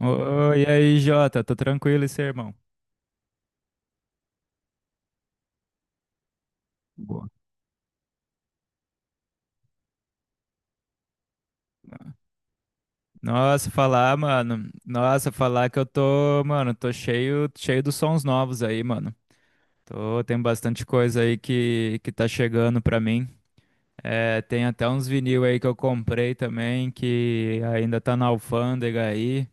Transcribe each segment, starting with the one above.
Oi, e aí, Jota, tô tranquilo e seu irmão? Boa. Nossa, falar, mano. Nossa, falar que eu tô, mano, tô cheio dos sons novos aí, mano. Tô, tem bastante coisa aí que tá chegando pra mim. É, tem até uns vinil aí que eu comprei também, que ainda tá na alfândega aí.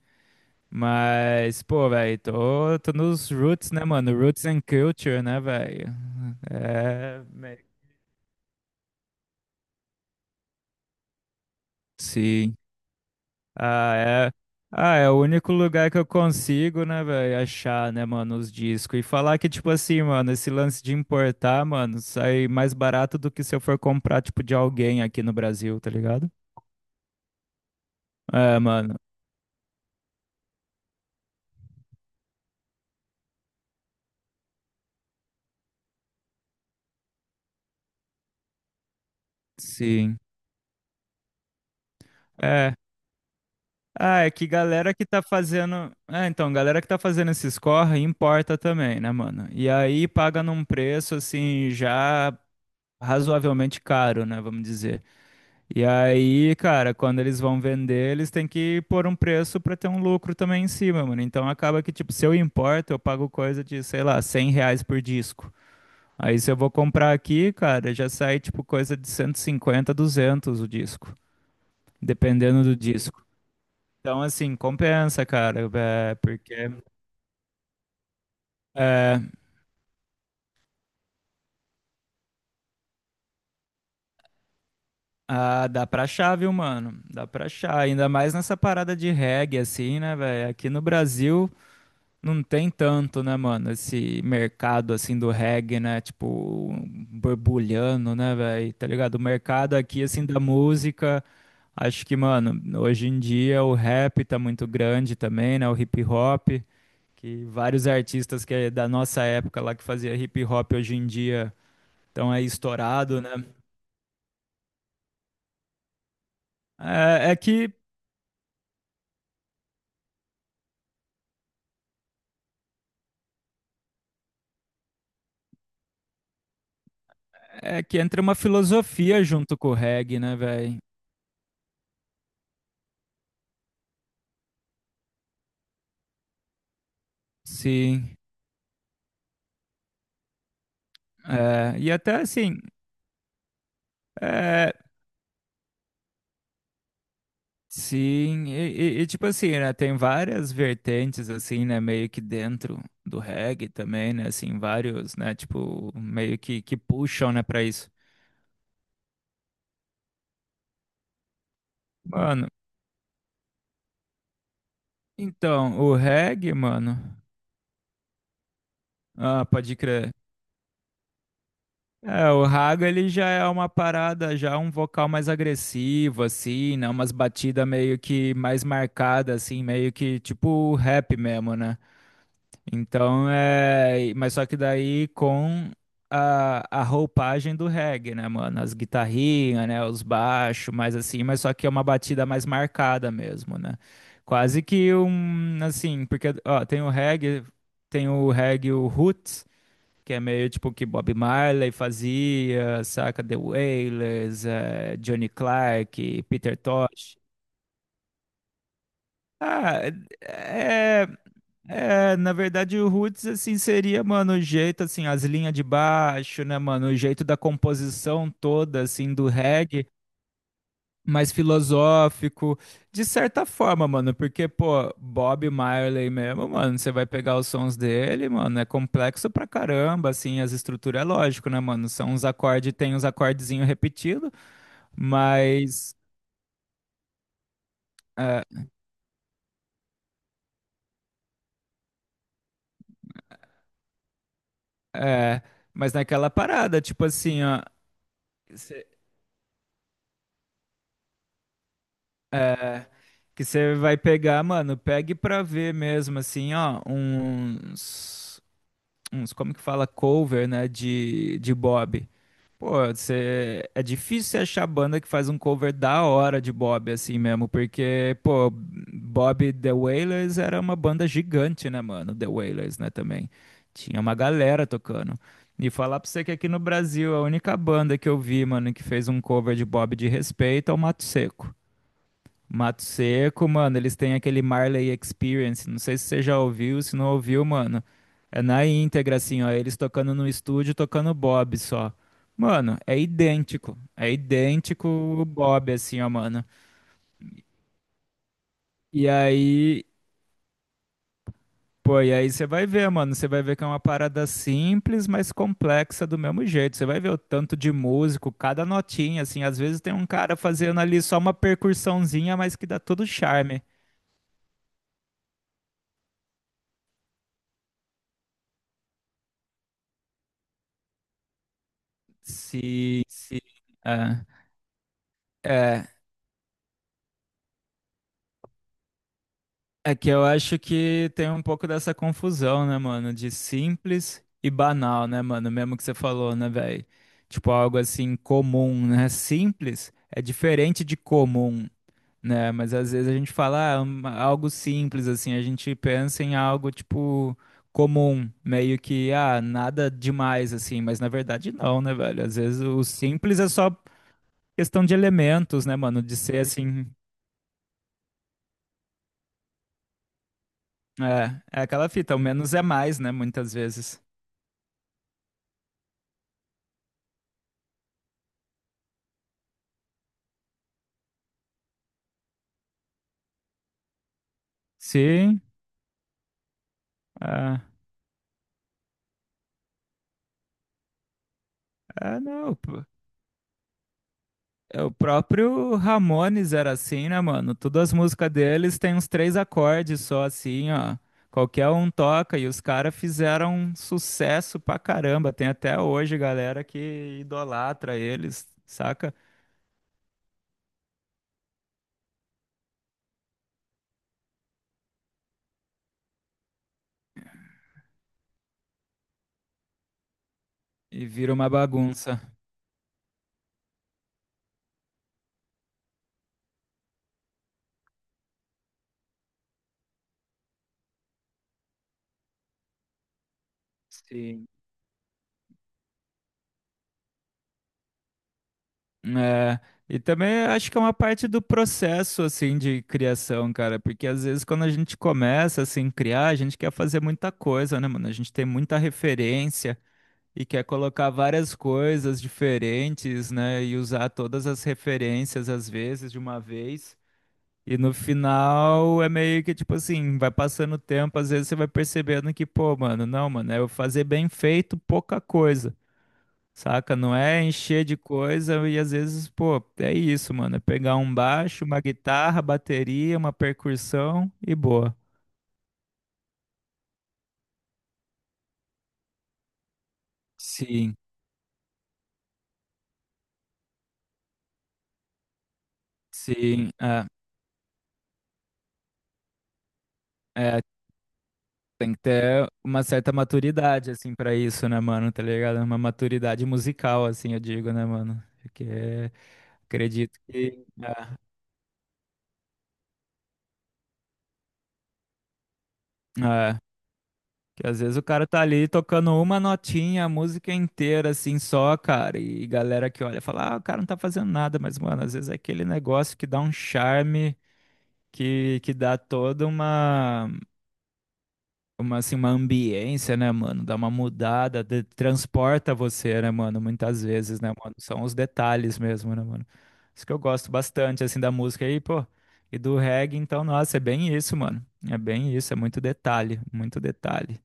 Mas, pô, velho, tô nos roots, né, mano? Roots and culture, né, velho? É, meio- sim. Ah, é. Ah, é o único lugar que eu consigo, né, velho, achar, né, mano, os discos. E falar que, tipo assim, mano, esse lance de importar, mano, sai mais barato do que se eu for comprar, tipo, de alguém aqui no Brasil, tá ligado? É, mano, sim. É. Ah, é que galera que tá fazendo. É, então, galera que tá fazendo esses corre importa também, né, mano? E aí paga num preço, assim, já razoavelmente caro, né, vamos dizer. E aí, cara, quando eles vão vender, eles têm que pôr um preço pra ter um lucro também em cima, mano. Então acaba que, tipo, se eu importo, eu pago coisa de, sei lá, 100 reais por disco. Aí se eu vou comprar aqui, cara, já sai, tipo, coisa de 150, 200 o disco, dependendo do disco. Então, assim, compensa, cara, é, porque é, ah, dá pra achar, viu, mano? Dá pra achar, ainda mais nessa parada de reggae, assim, né, velho? Aqui no Brasil. Não tem tanto, né, mano? Esse mercado assim do reggae, né? Tipo, borbulhando, né, velho? Tá ligado? O mercado aqui, assim, da música, acho que, mano, hoje em dia o rap tá muito grande também, né? O hip hop, que vários artistas que é da nossa época lá que fazia hip hop hoje em dia estão aí estourado, né? É, é que é que entra uma filosofia junto com o reggae, né, velho? Sim. É, e até assim. É, Sim, e, tipo assim, né, tem várias vertentes, assim, né, meio que dentro do reggae também, né, assim, vários, né, tipo, meio que puxam, né, pra isso. Mano, então, o reggae, mano, ah, pode crer. É, o raga, ele já é uma parada, já um vocal mais agressivo, assim, né, umas batidas meio que mais marcadas, assim, meio que tipo rap mesmo, né. Então é. Mas só que daí com a roupagem do reggae, né, mano? As guitarrinhas, né? Os baixos, mais assim, mas só que é uma batida mais marcada mesmo, né? Quase que um. Assim, porque, ó, tem o reggae, o roots, que é meio tipo o que Bob Marley fazia, saca? The Wailers, Johnny Clark, Peter Tosh. Ah, é, é, na verdade o roots assim seria, mano, o jeito assim, as linhas de baixo, né, mano, o jeito da composição toda assim do reggae, mais filosófico, de certa forma, mano, porque pô, Bob Marley mesmo, mano, você vai pegar os sons dele, mano, é complexo pra caramba, assim, as estruturas é lógico, né, mano, são uns acordes, tem uns acordezinho repetido, mas é, é, mas naquela parada, tipo assim, ó, É, que você vai pegar, mano, pegue pra ver mesmo, assim, ó, uns, como que fala, cover, né, de Bob. Pô, você, é difícil você achar banda que faz um cover da hora de Bob, assim mesmo, porque, pô, Bob The Wailers era uma banda gigante, né, mano, The Wailers, né, também. Tinha uma galera tocando. E falar pra você que aqui no Brasil, a única banda que eu vi, mano, que fez um cover de Bob de respeito é o Mato Seco. Mato Seco, mano, eles têm aquele Marley Experience. Não sei se você já ouviu, se não ouviu, mano. É na íntegra, assim, ó. Eles tocando no estúdio, tocando Bob só. Mano, é idêntico. É idêntico o Bob, assim, ó, mano. E aí, pô, e aí você vai ver, mano. Você vai ver que é uma parada simples, mas complexa do mesmo jeito. Você vai ver o tanto de músico, cada notinha, assim. Às vezes tem um cara fazendo ali só uma percussãozinha, mas que dá todo charme. Se, é. É, é que eu acho que tem um pouco dessa confusão, né, mano? De simples e banal, né, mano? Mesmo que você falou, né, velho? Tipo, algo assim comum, né? Simples é diferente de comum, né? Mas às vezes a gente fala, ah, um- algo simples, assim, a gente pensa em algo, tipo, comum, meio que, ah, nada demais, assim, mas na verdade não, né, velho? Às vezes o simples é só questão de elementos, né, mano? De ser assim. É, é aquela fita, o menos é mais, né? Muitas vezes. Sim, é, é não. Pô. É, o próprio Ramones era assim, né, mano? Todas as músicas deles têm uns três acordes só, assim, ó. Qualquer um toca e os caras fizeram um sucesso pra caramba. Tem até hoje galera que idolatra eles, saca? E vira uma bagunça. Sim. É, e também acho que é uma parte do processo assim de criação, cara, porque às vezes quando a gente começa assim a criar, a gente quer fazer muita coisa, né, mano? A gente tem muita referência e quer colocar várias coisas diferentes, né, e usar todas as referências às vezes de uma vez. E no final é meio que tipo assim, vai passando o tempo, às vezes você vai percebendo que, pô, mano, não, mano, é eu fazer bem feito pouca coisa. Saca? Não é encher de coisa e às vezes, pô, é isso, mano. É pegar um baixo, uma guitarra, bateria, uma percussão e boa. Sim, sim. É, tem que ter uma certa maturidade, assim, pra isso, né, mano? Tá ligado? Uma maturidade musical, assim, eu digo, né, mano? Porque acredito que. É, é. Que às vezes o cara tá ali tocando uma notinha, a música inteira, assim, só, cara. E galera que olha fala, ah, o cara não tá fazendo nada, mas, mano, às vezes é aquele negócio que dá um charme, que dá toda uma, assim, uma ambiência, né, mano? Dá uma mudada, de- transporta você, né, mano? Muitas vezes, né, mano? São os detalhes mesmo, né, mano? Isso que eu gosto bastante, assim, da música aí, pô. E do reggae, então, nossa, é bem isso, mano. É bem isso, é muito detalhe, muito detalhe.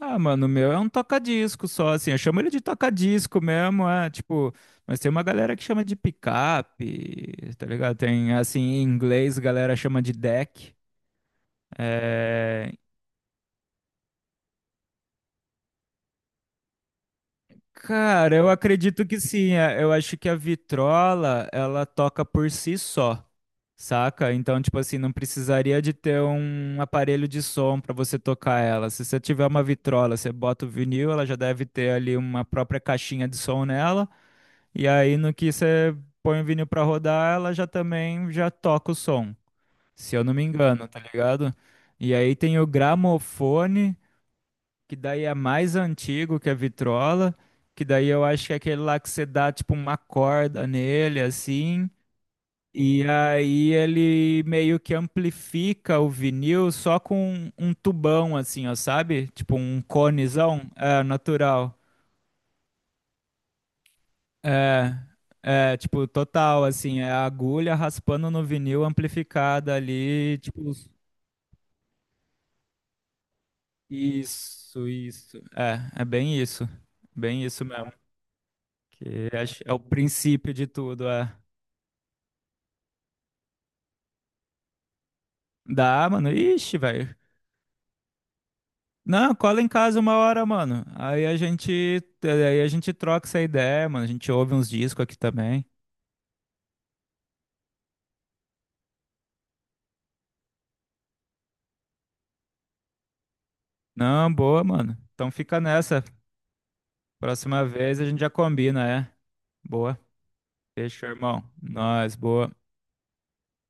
Ah, mano, o meu é um toca-disco só, assim. Eu chamo ele de toca-disco mesmo, é, tipo. Mas tem uma galera que chama de picape, tá ligado? Tem, assim, em inglês, a galera chama de deck. É, cara, eu acredito que sim. É, eu acho que a vitrola, ela toca por si só, saca? Então, tipo assim, não precisaria de ter um aparelho de som pra você tocar ela. Se você tiver uma vitrola, você bota o vinil, ela já deve ter ali uma própria caixinha de som nela. E aí, no que você põe o vinil pra rodar, ela já também já toca o som, se eu não me engano, tá ligado? E aí tem o gramofone, que daí é mais antigo que a vitrola, que daí eu acho que é aquele lá que você dá tipo uma corda nele, assim. E aí ele meio que amplifica o vinil só com um tubão, assim, ó, sabe? Tipo um conezão, é, natural. É, é, tipo, total, assim, é a agulha raspando no vinil amplificada ali, tipo, isso, isso. É, é bem isso. Bem isso mesmo. Que é, é o princípio de tudo, é. Dá, mano. Ixi, velho. Não, cola em casa uma hora, mano. Aí a gente troca essa ideia, mano. A gente ouve uns discos aqui também. Não, boa, mano. Então fica nessa. Próxima vez a gente já combina, é. Boa. Fechou, irmão. Nós, boa.